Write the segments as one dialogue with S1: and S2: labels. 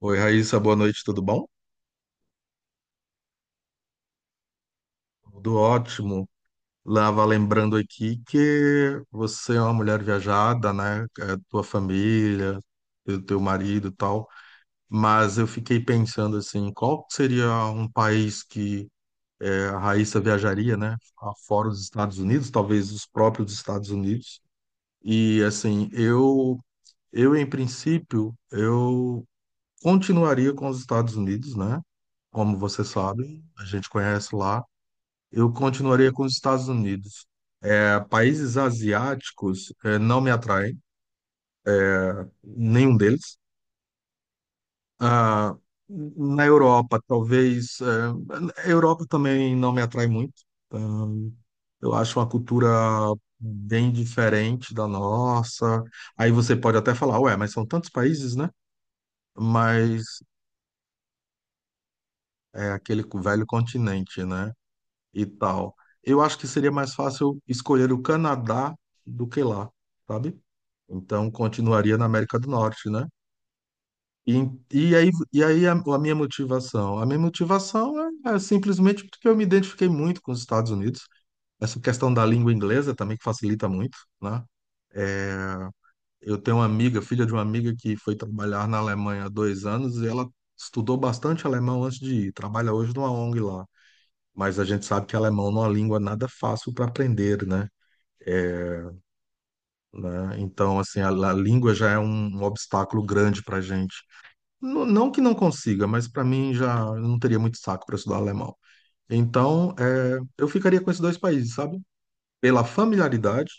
S1: Oi, Raíssa, boa noite, tudo bom? Tudo ótimo. Lava lembrando aqui que você é uma mulher viajada, né? É, tua família, teu marido e tal. Mas eu fiquei pensando assim, qual seria um país que a Raíssa viajaria, né? Fora os Estados Unidos, talvez os próprios Estados Unidos. E assim, eu em princípio, eu continuaria com os Estados Unidos, né? Como você sabe, a gente conhece lá. Eu continuaria com os Estados Unidos. É, países asiáticos, não me atraem, nenhum deles. Ah, na Europa, talvez. A Europa também não me atrai muito. Ah, eu acho uma cultura bem diferente da nossa. Aí você pode até falar, ué, mas são tantos países, né? Mas é aquele velho continente, né? E tal. Eu acho que seria mais fácil escolher o Canadá do que lá, sabe? Então, continuaria na América do Norte, né? E, e aí a minha motivação? A minha motivação é, é simplesmente porque eu me identifiquei muito com os Estados Unidos. Essa questão da língua inglesa também que facilita muito, né? Eu tenho uma amiga, filha de uma amiga que foi trabalhar na Alemanha há dois anos e ela estudou bastante alemão antes de ir. Trabalha hoje numa ONG lá. Mas a gente sabe que alemão não é uma língua nada fácil para aprender, né? É, né? Então, assim, a língua já é um, um obstáculo grande para gente. Não, não que não consiga, mas para mim já eu não teria muito saco para estudar alemão. Então, eu ficaria com esses dois países, sabe? Pela familiaridade,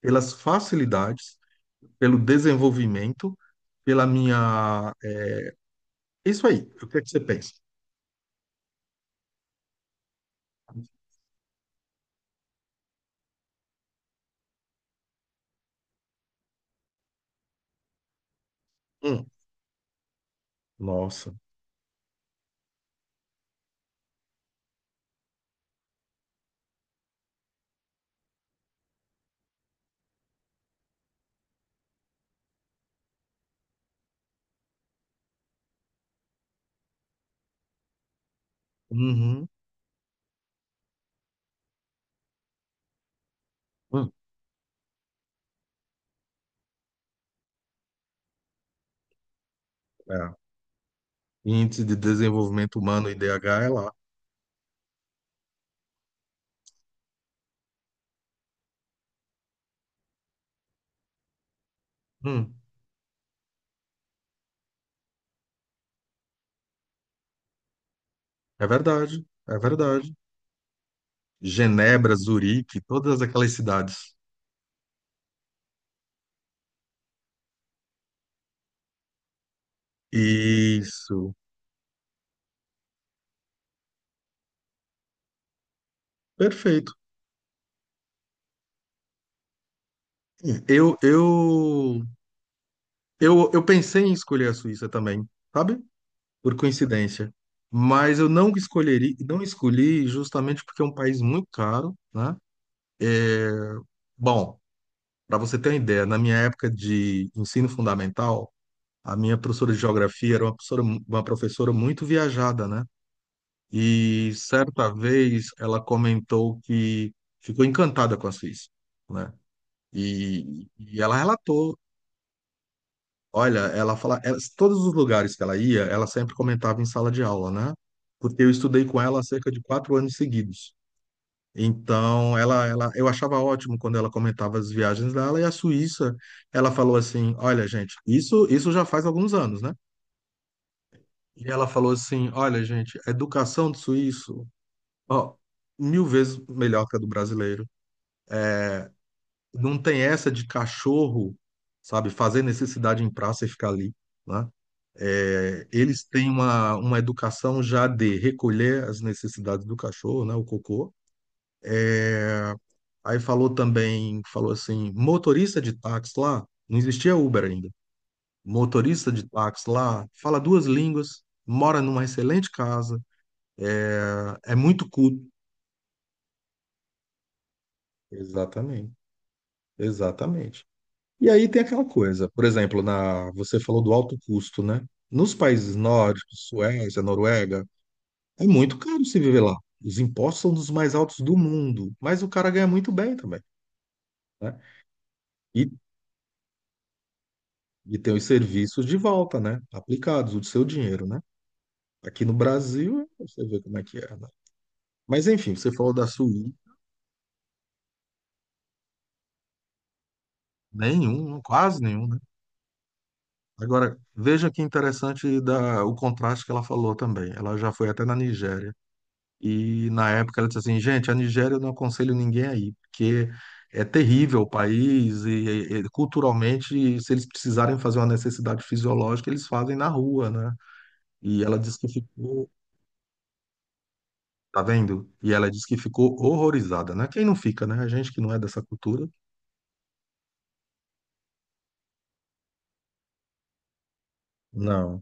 S1: pelas facilidades, pelo desenvolvimento, pela minha. É isso aí, o que é que você pensa? Hum, nossa. Uhum, hum, é. Índice de Desenvolvimento Humano, IDH, é lá. Hum, é verdade, é verdade. Genebra, Zurique, todas aquelas cidades. Isso, perfeito. Eu, eu, eu pensei em escolher a Suíça também, sabe? Por coincidência. Mas eu não escolheria, não escolhi justamente porque é um país muito caro, né? Bom, para você ter uma ideia, na minha época de ensino fundamental, a minha professora de geografia era uma professora muito viajada, né? E certa vez ela comentou que ficou encantada com a Suíça, né? E ela relatou, olha, ela fala, todos os lugares que ela ia, ela sempre comentava em sala de aula, né? Porque eu estudei com ela há cerca de quatro anos seguidos. Então, eu achava ótimo quando ela comentava as viagens dela e a Suíça, ela falou assim, olha, gente, isso já faz alguns anos, né? E ela falou assim, olha, gente, a educação do suíço ó, mil vezes melhor que a do brasileiro. Não tem essa de cachorro, sabe, fazer necessidade em praça e ficar ali, né? É, eles têm uma educação já de recolher as necessidades do cachorro, né, o cocô. Aí falou também, falou assim, motorista de táxi lá, não existia Uber ainda. Motorista de táxi lá, fala duas línguas, mora numa excelente casa, é é muito culto. Exatamente, exatamente. E aí tem aquela coisa, por exemplo, você falou do alto custo, né? Nos países nórdicos, Suécia, Noruega, é muito caro se viver lá. Os impostos são dos mais altos do mundo, mas o cara ganha muito bem também, né? E, e tem os serviços de volta, né? Aplicados, o do seu dinheiro, né? Aqui no Brasil, você vê como é que é, né? Mas enfim, você falou da Suíça, nenhum, quase nenhum, né? Agora, veja que interessante o contraste que ela falou também. Ela já foi até na Nigéria. E na época ela disse assim, gente, a Nigéria eu não aconselho ninguém aí, porque é terrível o país e culturalmente, se eles precisarem fazer uma necessidade fisiológica, eles fazem na rua, né? E ela disse que ficou, tá vendo? E ela disse que ficou horrorizada, né? Quem não fica, né? A gente que não é dessa cultura. Não.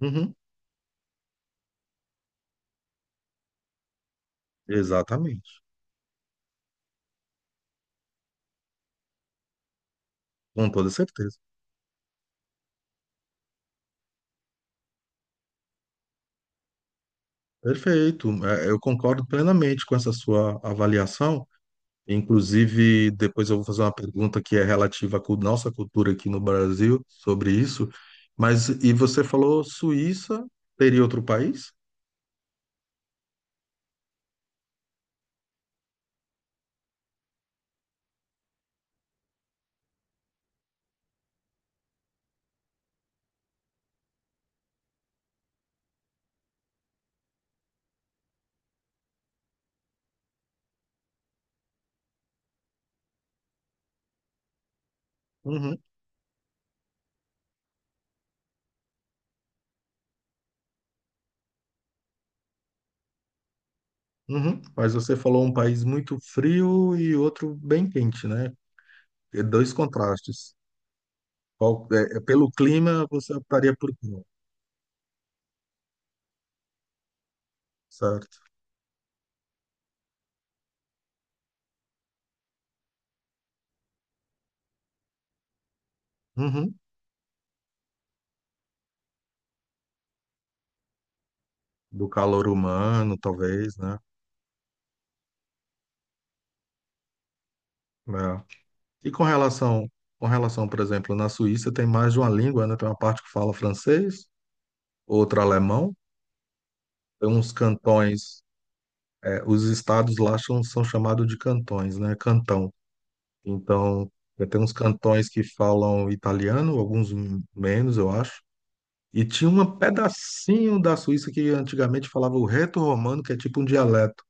S1: Uhum, exatamente. Com toda certeza. Perfeito. É, eu concordo plenamente com essa sua avaliação. Inclusive, depois eu vou fazer uma pergunta que é relativa à nossa cultura aqui no Brasil sobre isso. Mas, e você falou Suíça, teria outro país? Uhum, uhum. Mas você falou um país muito frio e outro bem quente, né? E dois contrastes. Pelo clima, você optaria por qual, certo? Uhum. Do calor humano, talvez, né? É. E com relação, com relação, por exemplo, na Suíça tem mais de uma língua, né? Tem uma parte que fala francês, outra alemão. Uns cantões, é, os estados lá são, são chamados de cantões, né? Cantão. Então, tem uns cantões que falam italiano, alguns menos, eu acho. E tinha um pedacinho da Suíça que antigamente falava o reto-romano, que é tipo um dialeto.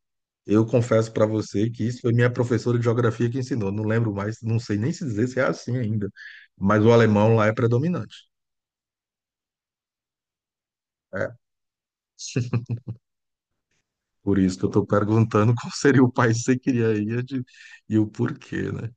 S1: Eu confesso para você que isso foi minha professora de geografia que ensinou. Não lembro mais, não sei nem se dizer se é assim ainda. Mas o alemão lá é predominante. É. Por isso que eu estou perguntando qual seria o país que você queria ir e o porquê, né?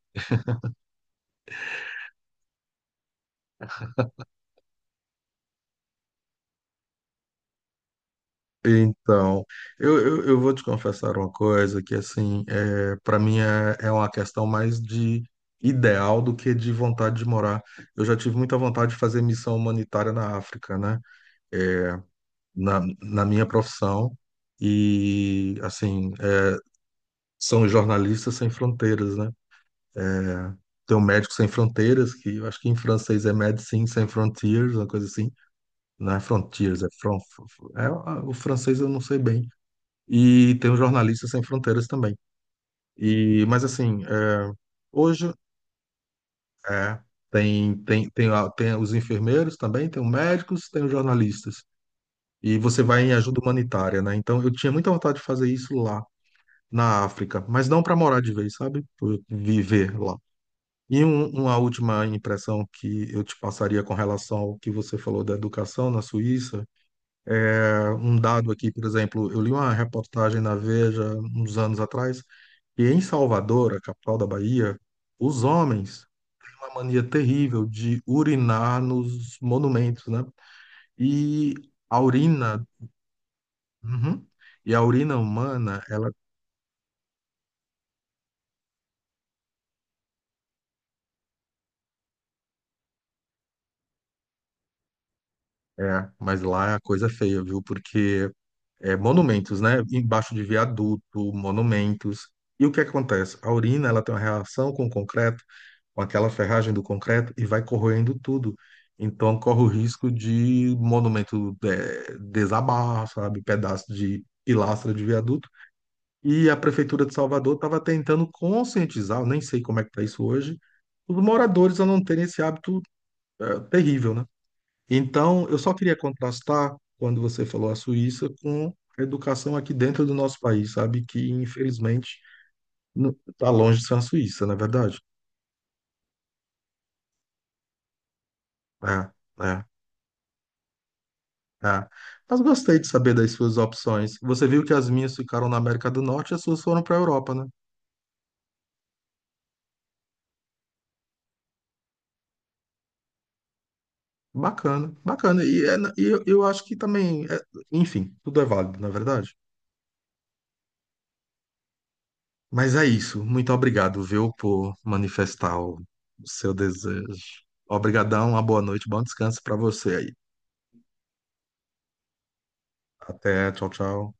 S1: Então, eu vou te confessar uma coisa que, assim, é, para mim é uma questão mais de ideal do que de vontade de morar. Eu já tive muita vontade de fazer missão humanitária na África, né? É, na minha profissão. E, assim, é, são jornalistas sem fronteiras, né? Tem o Médicos Sem Fronteiras, que eu acho que em francês é Médecins Sans Frontières, uma coisa assim. Não é Frontiers, é o francês eu não sei bem. E tem o Jornalistas Sem Fronteiras também. E, mas assim, é, hoje é, tem os enfermeiros também, tem os médicos, tem os jornalistas. E você vai em ajuda humanitária, né? Então eu tinha muita vontade de fazer isso lá na África, mas não para morar de vez, sabe? Por viver lá. Uma última impressão que eu te passaria com relação ao que você falou da educação na Suíça. É, um dado aqui, por exemplo, eu li uma reportagem na Veja uns anos atrás. E em Salvador, a capital da Bahia, os homens têm uma mania terrível de urinar nos monumentos, né? E a urina, Uhum. E a urina humana, mas lá é a coisa feia, viu? Porque é monumentos, né? Embaixo de viaduto, monumentos. E o que acontece? A urina, ela tem uma reação com o concreto, com aquela ferragem do concreto e vai corroendo tudo. Então corre o risco de monumento desabar, sabe, pedaço de pilastra de viaduto. E a prefeitura de Salvador estava tentando conscientizar, eu nem sei como é que está isso hoje, os moradores a não terem esse hábito terrível, né? Então, eu só queria contrastar quando você falou a Suíça com a educação aqui dentro do nosso país, sabe? Que infelizmente está longe de ser a Suíça, não é verdade? É, é. Tá. Mas gostei de saber das suas opções. Você viu que as minhas ficaram na América do Norte e as suas foram para a Europa, né? Bacana, bacana. E eu acho que também, é- enfim, tudo é válido, na verdade. Mas é isso. Muito obrigado, viu, por manifestar o seu desejo. Obrigadão, uma boa noite, bom descanso para você aí. Até, tchau, tchau.